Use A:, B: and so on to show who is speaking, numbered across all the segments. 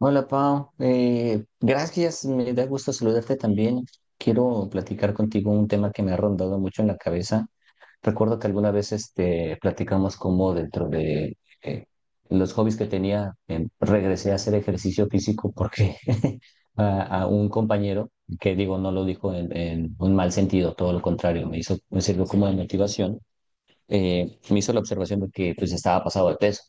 A: Hola Pau, gracias, me da gusto saludarte también. Quiero platicar contigo un tema que me ha rondado mucho en la cabeza. Recuerdo que alguna vez este, platicamos cómo dentro de eh, los hobbies que tenía, regresé a hacer ejercicio físico porque a un compañero, que digo, no lo dijo en un mal sentido, todo lo contrario, me hizo, me sirvió como de motivación me hizo la observación de que pues estaba pasado de peso.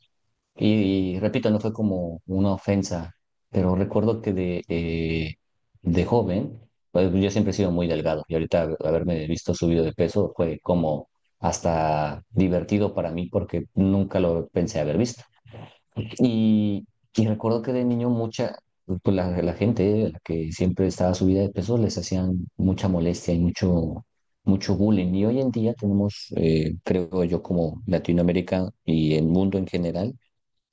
A: Y repito, no fue como una ofensa, pero recuerdo que de joven, pues, yo siempre he sido muy delgado y ahorita haberme visto subido de peso fue como hasta divertido para mí porque nunca lo pensé haber visto. Y, y recuerdo que de niño mucha, pues la gente, la que siempre estaba subida de peso, les hacían mucha molestia y mucho bullying. Y hoy en día tenemos, creo yo, como Latinoamérica y el mundo en general,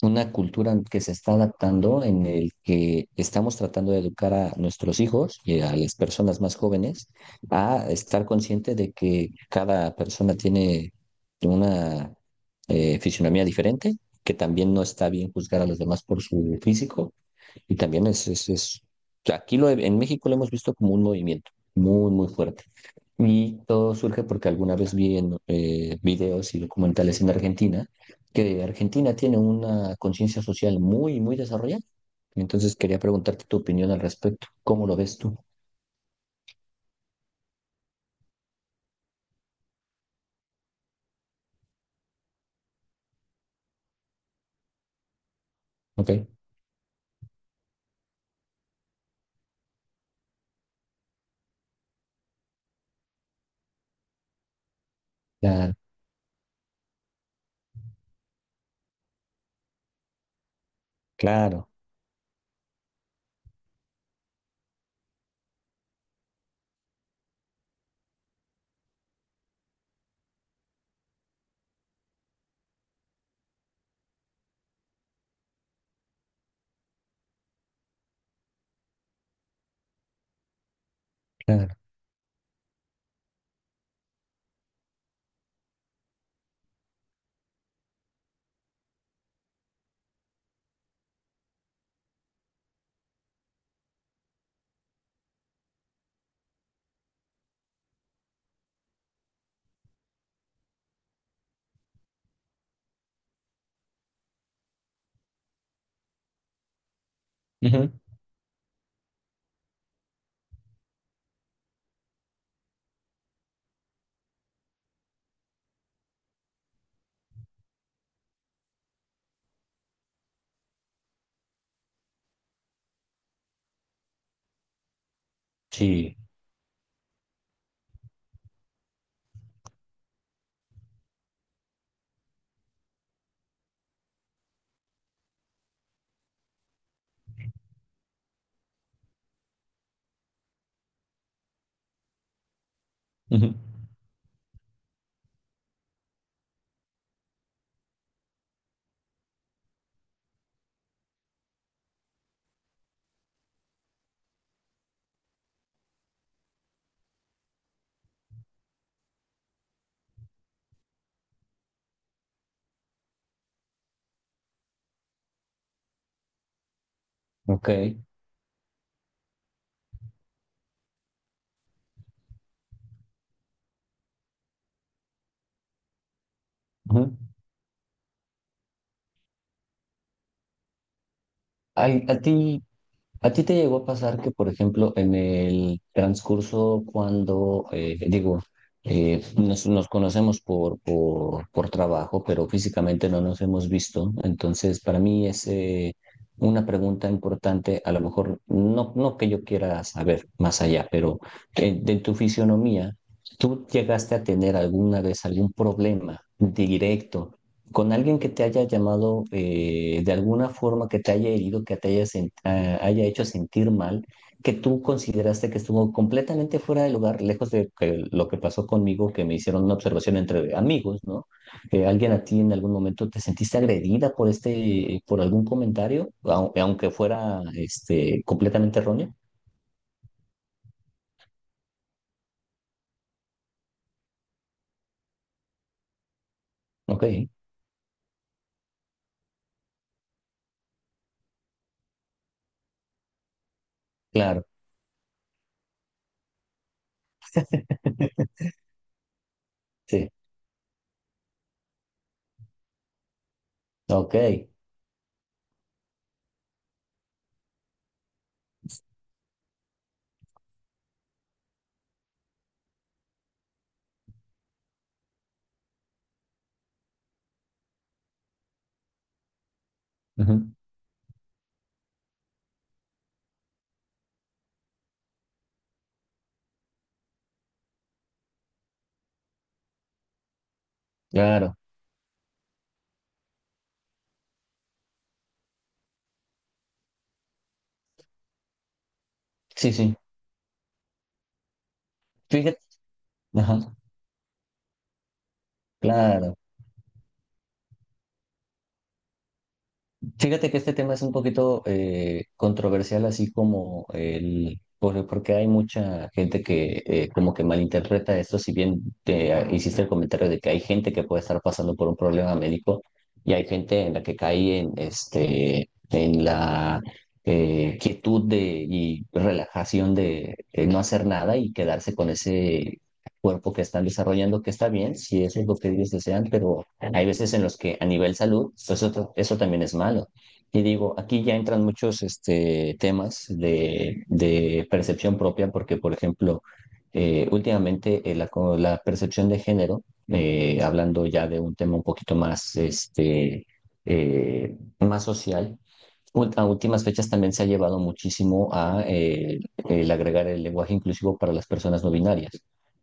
A: una cultura que se está adaptando en el que estamos tratando de educar a nuestros hijos y a las personas más jóvenes a estar consciente de que cada persona tiene una fisionomía diferente, que también no está bien juzgar a los demás por su físico y también aquí en México lo hemos visto como un movimiento muy fuerte. Y todo surge porque alguna vez vi en videos y documentales en Argentina que Argentina tiene una conciencia social muy desarrollada. Entonces quería preguntarte tu opinión al respecto. ¿Cómo lo ves tú? Ok. Claro, claro, claro. Ujú. Sí. Ujú. Ok. Ujú. Ay, ¿A ti te llegó a pasar que, por ejemplo, en el transcurso cuando, digo, nos conocemos por trabajo, pero físicamente no nos hemos visto? Entonces, para mí es una pregunta importante, a lo mejor no, no que yo quiera saber más allá, pero de tu fisionomía, ¿tú llegaste a tener alguna vez algún problema directo con alguien que te haya llamado de alguna forma, que te haya herido, que te haya, haya hecho sentir mal, que tú consideraste que estuvo completamente fuera de lugar, lejos de lo que pasó conmigo, que me hicieron una observación entre amigos, ¿no? Alguien, a ti en algún momento, ¿te sentiste agredida por este, por algún comentario, aunque fuera este, completamente erróneo? Ok, claro, sí, ok, ujú, claro, sí, sí, fíjate, ajá, claro. Fíjate que este tema es un poquito controversial, así como el, porque hay mucha gente que como que malinterpreta esto, si bien hiciste el comentario de que hay gente que puede estar pasando por un problema médico y hay gente en la que cae en, este, en la quietud de, y relajación de no hacer nada y quedarse con ese cuerpo que están desarrollando, que está bien, si eso es lo que ellos desean, pero hay veces en los que a nivel salud, pues eso también es malo. Y digo, aquí ya entran muchos este, temas de percepción propia, porque, por ejemplo, últimamente la percepción de género, hablando ya de un tema un poquito más, este, más social, a últimas fechas también se ha llevado muchísimo a el agregar el lenguaje inclusivo para las personas no binarias.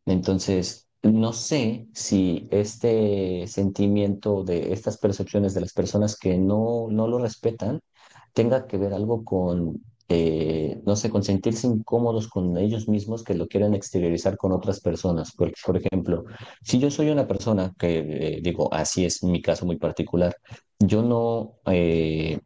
A: Entonces, no sé si este sentimiento de estas percepciones de las personas que no, no lo respetan tenga que ver algo con, no sé, con sentirse incómodos con ellos mismos que lo quieran exteriorizar con otras personas. Porque, por ejemplo, si yo soy una persona que, digo, así es mi caso muy particular, yo no... eh,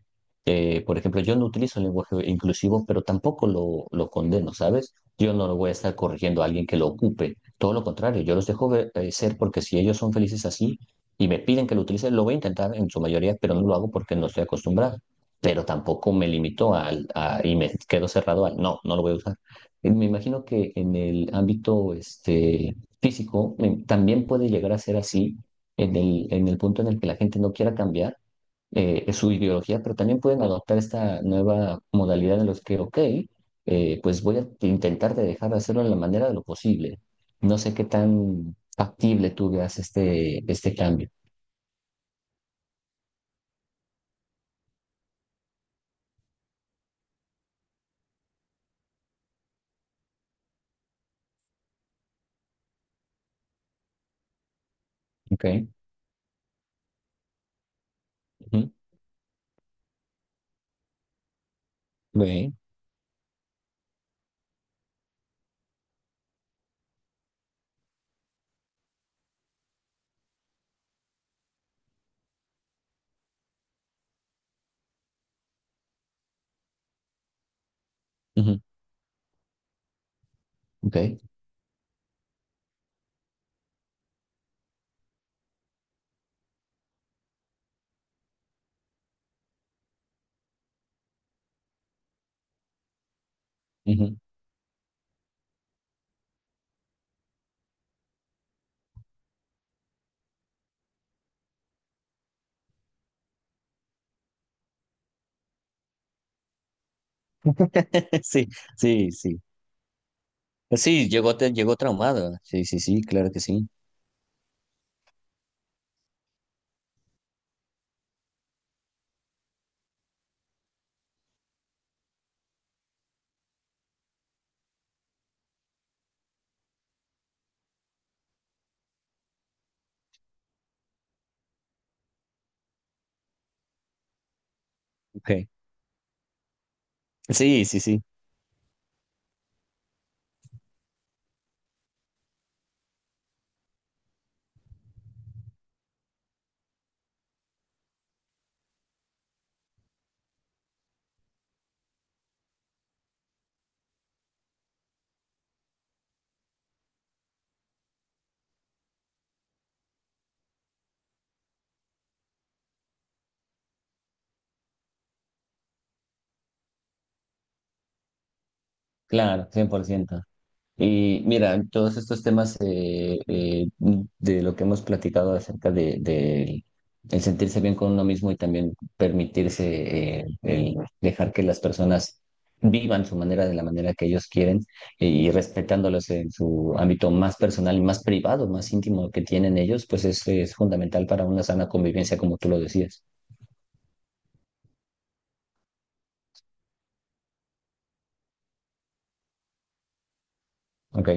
A: eh, por ejemplo, yo no utilizo el lenguaje inclusivo, pero tampoco lo condeno, ¿sabes? Yo no lo voy a estar corrigiendo a alguien que lo ocupe. Todo lo contrario, yo los dejo ser porque si ellos son felices así y me piden que lo utilice, lo voy a intentar en su mayoría, pero no lo hago porque no estoy acostumbrado. Pero tampoco me limito y me quedo cerrado al, no, no lo voy a usar. Me imagino que en el ámbito este, físico también puede llegar a ser así en en el punto en el que la gente no quiera cambiar es su ideología, pero también pueden adoptar esta nueva modalidad en los que, ok, pues voy a intentar de dejar de hacerlo de la manera de lo posible. No sé qué tan factible tú veas este cambio. Ok. Ujú, ve, ujú, ok, ujú. Sí, sí, sí. Sí, llegó, llegó traumado. Sí, sí, sí, claro que sí. Ok. Sí, sí, sí, claro, 100%. Y mira, todos estos temas de lo que hemos platicado acerca de el sentirse bien con uno mismo y también permitirse el dejar que las personas vivan su manera de la manera que ellos quieren y respetándolos en su ámbito más personal y más privado, más íntimo que tienen ellos, pues es fundamental para una sana convivencia, como tú lo decías. Ok,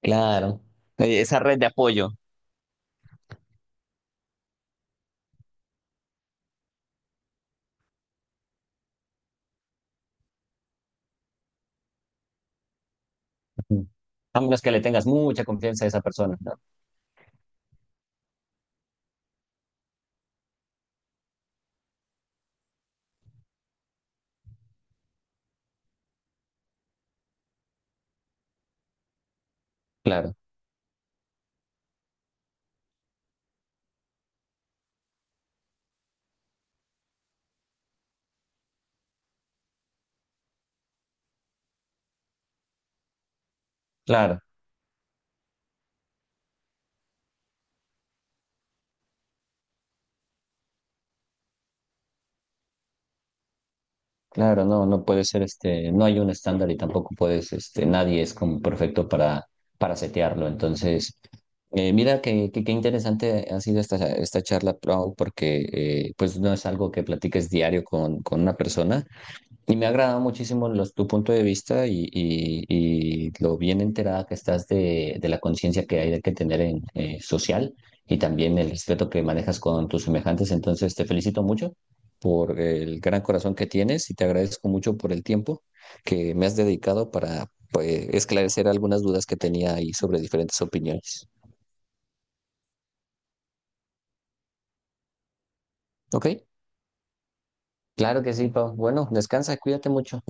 A: claro. Eh, yo. Ujú. A menos que le tengas mucha confianza a esa persona, ¿no? Claro, claro. Claro, no, no puede ser este, no hay un estándar y tampoco puedes, este, nadie es como perfecto para setearlo. Entonces, mira que, qué interesante ha sido esta charla, Pau, porque pues no es algo que platiques diario con una persona y me agrada muchísimo tu punto de vista y, y lo bien enterada que estás de la conciencia que hay que tener en social y también el respeto que manejas con tus semejantes. Entonces, te felicito mucho por el gran corazón que tienes y te agradezco mucho por el tiempo que me has dedicado para pues, esclarecer algunas dudas que tenía ahí sobre diferentes opiniones. ¿Ok? Claro que sí, Pau. Bueno, descansa, cuídate mucho.